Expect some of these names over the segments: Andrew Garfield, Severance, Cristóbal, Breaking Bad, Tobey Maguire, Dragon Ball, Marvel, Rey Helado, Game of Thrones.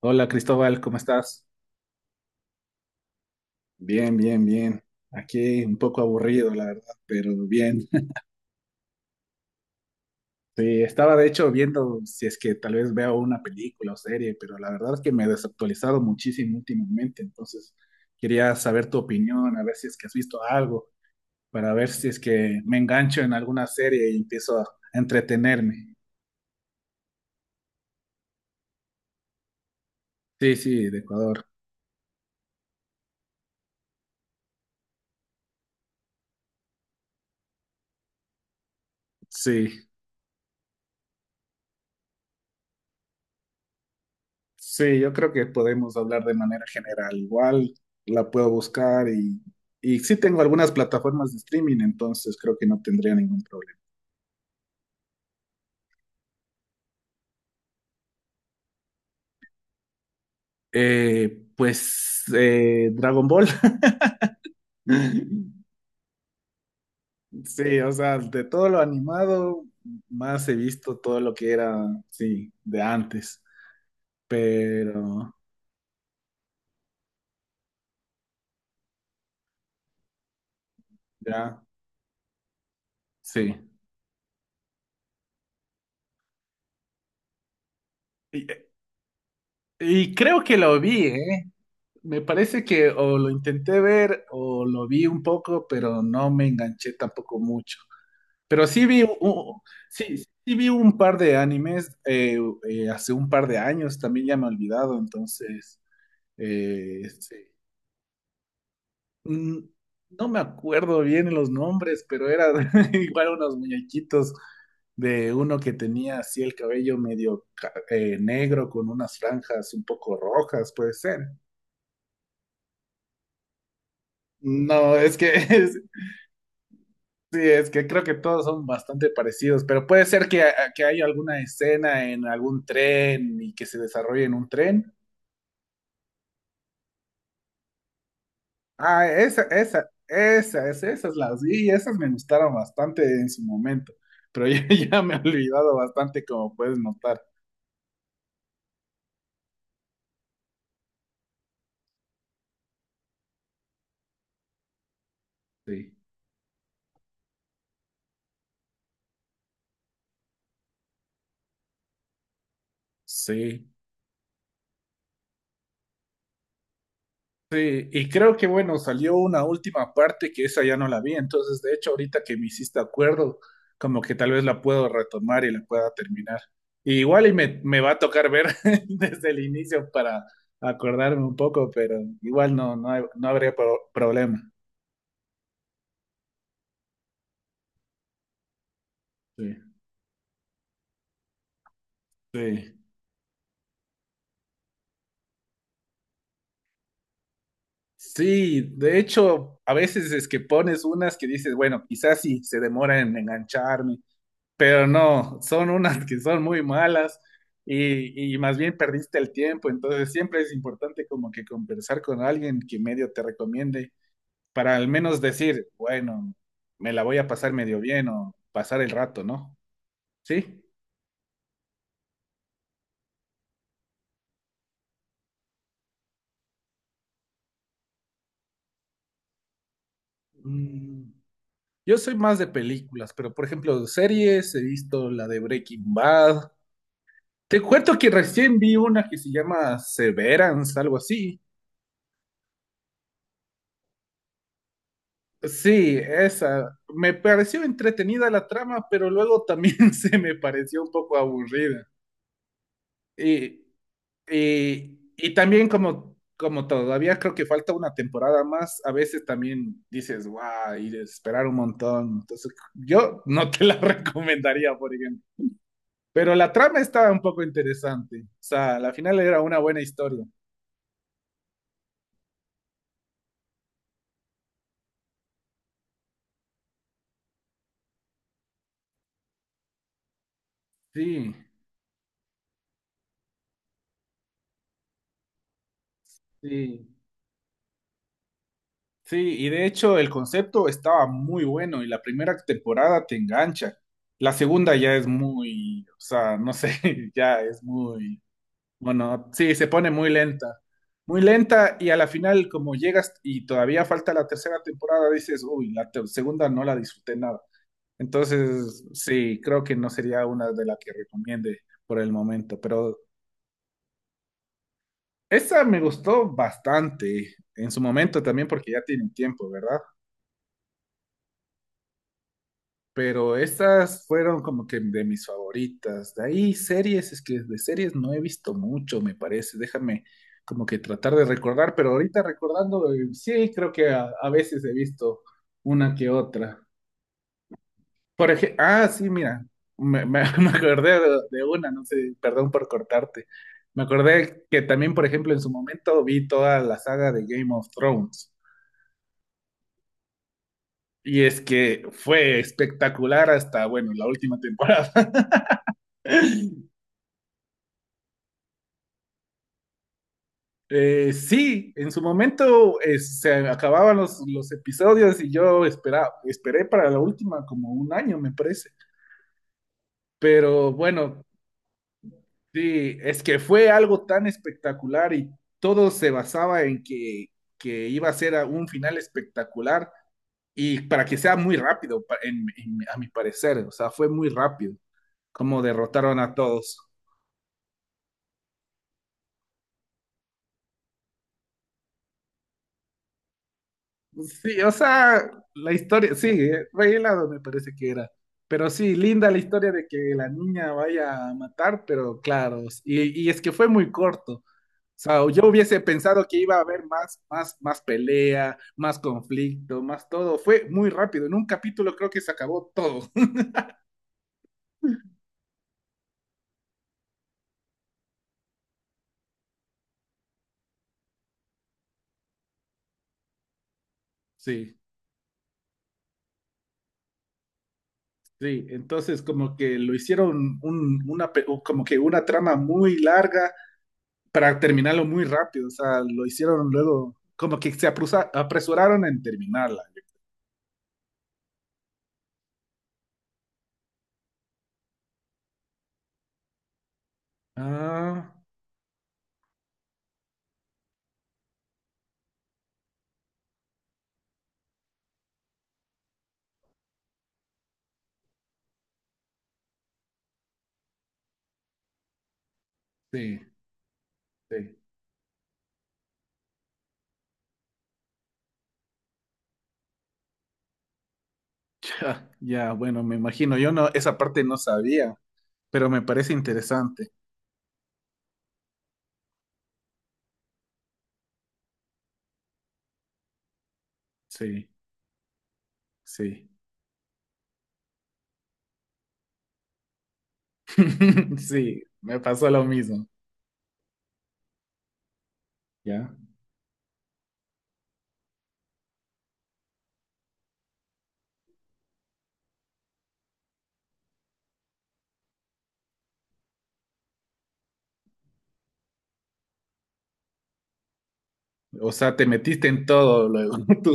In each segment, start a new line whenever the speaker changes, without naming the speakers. Hola Cristóbal, ¿cómo estás? Bien, bien, bien. Aquí un poco aburrido, la verdad, pero bien. Sí, estaba de hecho viendo si es que tal vez veo una película o serie, pero la verdad es que me he desactualizado muchísimo últimamente, entonces quería saber tu opinión, a ver si es que has visto algo, para ver si es que me engancho en alguna serie y empiezo a entretenerme. Sí, sí, de Ecuador. Sí. Sí, yo creo que podemos hablar de manera general. Igual la puedo buscar y sí tengo algunas plataformas de streaming, entonces creo que no tendría ningún problema. Dragon Ball. Sí, o sea, de todo lo animado, más he visto todo lo que era, sí, de antes. Pero ya, sí. Y, y creo que lo vi, Me parece que o lo intenté ver o lo vi un poco, pero no me enganché tampoco mucho. Pero sí vi, sí, sí vi un par de animes hace un par de años, también ya me he olvidado, entonces sí. Mm, no me acuerdo bien los nombres, pero era igual unos muñequitos de uno que tenía así el cabello medio negro con unas franjas un poco rojas, puede ser. No, es que sí, es que creo que todos son bastante parecidos, pero puede ser que, ah, que haya alguna escena en algún tren y que se desarrolle en un tren. Ah, esa, esas las vi y esas me gustaron bastante en su momento, pero ya, ya me he olvidado bastante como puedes notar. Sí, sí. Sí, y creo que bueno, salió una última parte que esa ya no la vi, entonces de hecho ahorita que me hiciste acuerdo, como que tal vez la puedo retomar y la pueda terminar. Y igual y me va a tocar ver desde el inicio para acordarme un poco, pero igual no, no, no habría problema. Sí, sí. Sí, de hecho, a veces es que pones unas que dices, bueno, quizás sí se demora en engancharme, pero no, son unas que son muy malas y más bien perdiste el tiempo, entonces siempre es importante como que conversar con alguien que medio te recomiende para al menos decir, bueno, me la voy a pasar medio bien o pasar el rato, ¿no? Sí. Mm, yo soy más de películas, pero por ejemplo, series, he visto la de Breaking Bad. Te cuento que recién vi una que se llama Severance, algo así. Sí, esa. Me pareció entretenida la trama, pero luego también se me pareció un poco aburrida. Y, y también como, como todavía creo que falta una temporada más, a veces también dices, wow, y de esperar un montón. Entonces, yo no te la recomendaría, por ejemplo. Pero la trama estaba un poco interesante. O sea, la final era una buena historia. Sí, sí. Sí, y de hecho el concepto estaba muy bueno y la primera temporada te engancha. La segunda ya es muy, o sea, no sé, ya es muy, bueno, sí, se pone muy lenta. Muy lenta y a la final como llegas y todavía falta la tercera temporada, dices, uy, la segunda no la disfruté nada. Entonces, sí, creo que no sería una de las que recomiende por el momento, pero esa me gustó bastante en su momento también porque ya tiene tiempo, ¿verdad? Pero estas fueron como que de mis favoritas. De ahí series, es que de series no he visto mucho, me parece. Déjame como que tratar de recordar, pero ahorita recordando, sí, creo que a veces he visto una que otra. Por ejemplo, ah, sí, mira, me acordé de una, no sé, perdón por cortarte. Me acordé que también, por ejemplo, en su momento vi toda la saga de Game of Thrones. Y es que fue espectacular hasta, bueno, la última temporada. Sí, en su momento se acababan los episodios y yo esperaba, esperé para la última como un año, me parece. Pero bueno, sí, es que fue algo tan espectacular y todo se basaba en que iba a ser a un final espectacular y para que sea muy rápido, en, a mi parecer, o sea, fue muy rápido como derrotaron a todos. Sí, o sea, la historia, sí, Rey Helado me parece que era. Pero sí, linda la historia de que la niña vaya a matar, pero claro, y es que fue muy corto. O sea, yo hubiese pensado que iba a haber más, más, más pelea, más conflicto, más todo. Fue muy rápido. En un capítulo creo que se acabó todo. Sí, sí. Entonces como que lo hicieron una, como que una trama muy larga para terminarlo muy rápido, o sea, lo hicieron luego, como que se apresuraron en terminarla. Ah, sí, sí. Ya, ya, bueno, me imagino, yo no, esa parte no sabía, pero me parece interesante. Sí, sí. Sí, me pasó lo mismo, ¿ya? O sea, te metiste en todo luego. tú.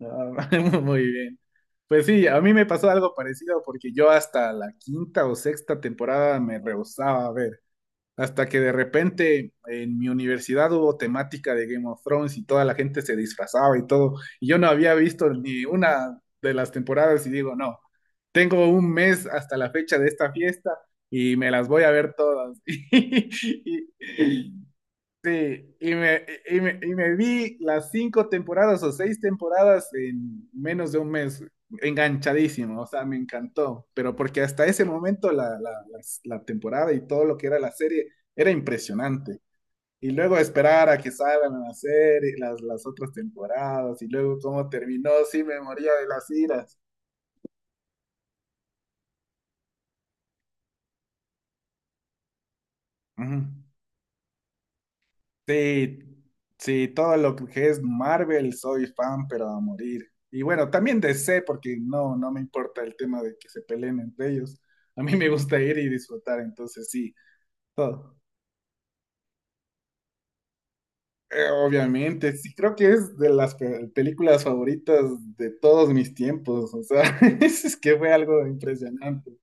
Ah, muy bien. Pues sí, a mí me pasó algo parecido porque yo hasta la quinta o sexta temporada me rehusaba a ver. Hasta que de repente en mi universidad hubo temática de Game of Thrones y toda la gente se disfrazaba y todo. Y yo no había visto ni una de las temporadas y digo, no, tengo un mes hasta la fecha de esta fiesta y me las voy a ver todas. Y, sí, y me vi las cinco temporadas o seis temporadas en menos de un mes, enganchadísimo, o sea, me encantó, pero porque hasta ese momento la temporada y todo lo que era la serie era impresionante. Y luego esperar a que salgan la serie, las otras temporadas, y luego cómo terminó, sí me moría de las iras. Ujú. Sí, sí, todo lo que es Marvel soy fan, pero a morir. Y bueno, también DC porque no, no me importa el tema de que se peleen entre ellos. A mí me gusta ir y disfrutar, entonces sí, todo. Obviamente, sí, creo que es de las películas favoritas de todos mis tiempos. O sea, es que fue algo impresionante.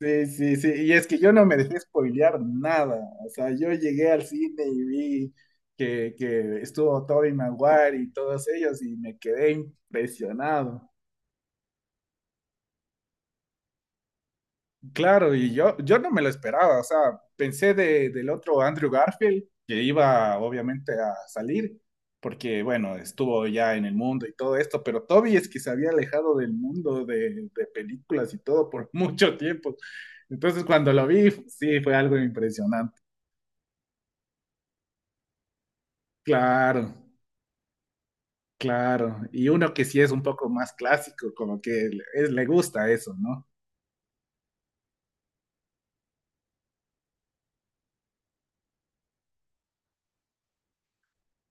Sí, sí, sí. Y es que yo no me dejé spoilear nada. O sea, yo llegué al cine y vi que estuvo Tobey Maguire y todos ellos y me quedé impresionado. Claro, y yo no me lo esperaba. O sea, pensé del otro Andrew Garfield que iba obviamente a salir porque, bueno, estuvo ya en el mundo y todo esto, pero Tobey es que se había alejado del mundo de películas y todo por mucho tiempo. Entonces, cuando lo vi, sí, fue algo impresionante. Claro, claro. Y uno que sí es un poco más clásico, como que es, le gusta eso, ¿no?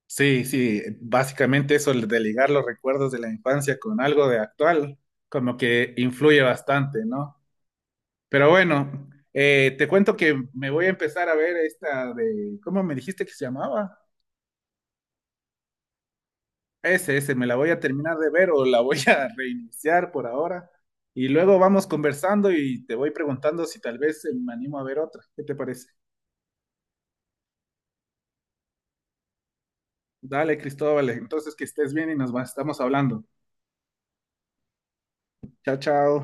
Sí, sí, básicamente eso de ligar los recuerdos de la infancia con algo de actual, como que influye bastante, ¿no? Pero bueno, te cuento que me voy a empezar a ver esta de, ¿cómo me dijiste que se llamaba? Ese, me la voy a terminar de ver o la voy a reiniciar por ahora. Y luego vamos conversando y te voy preguntando si tal vez me animo a ver otra. ¿Qué te parece? Dale, Cristóbal. Entonces, que estés bien y estamos hablando. Chao, chao.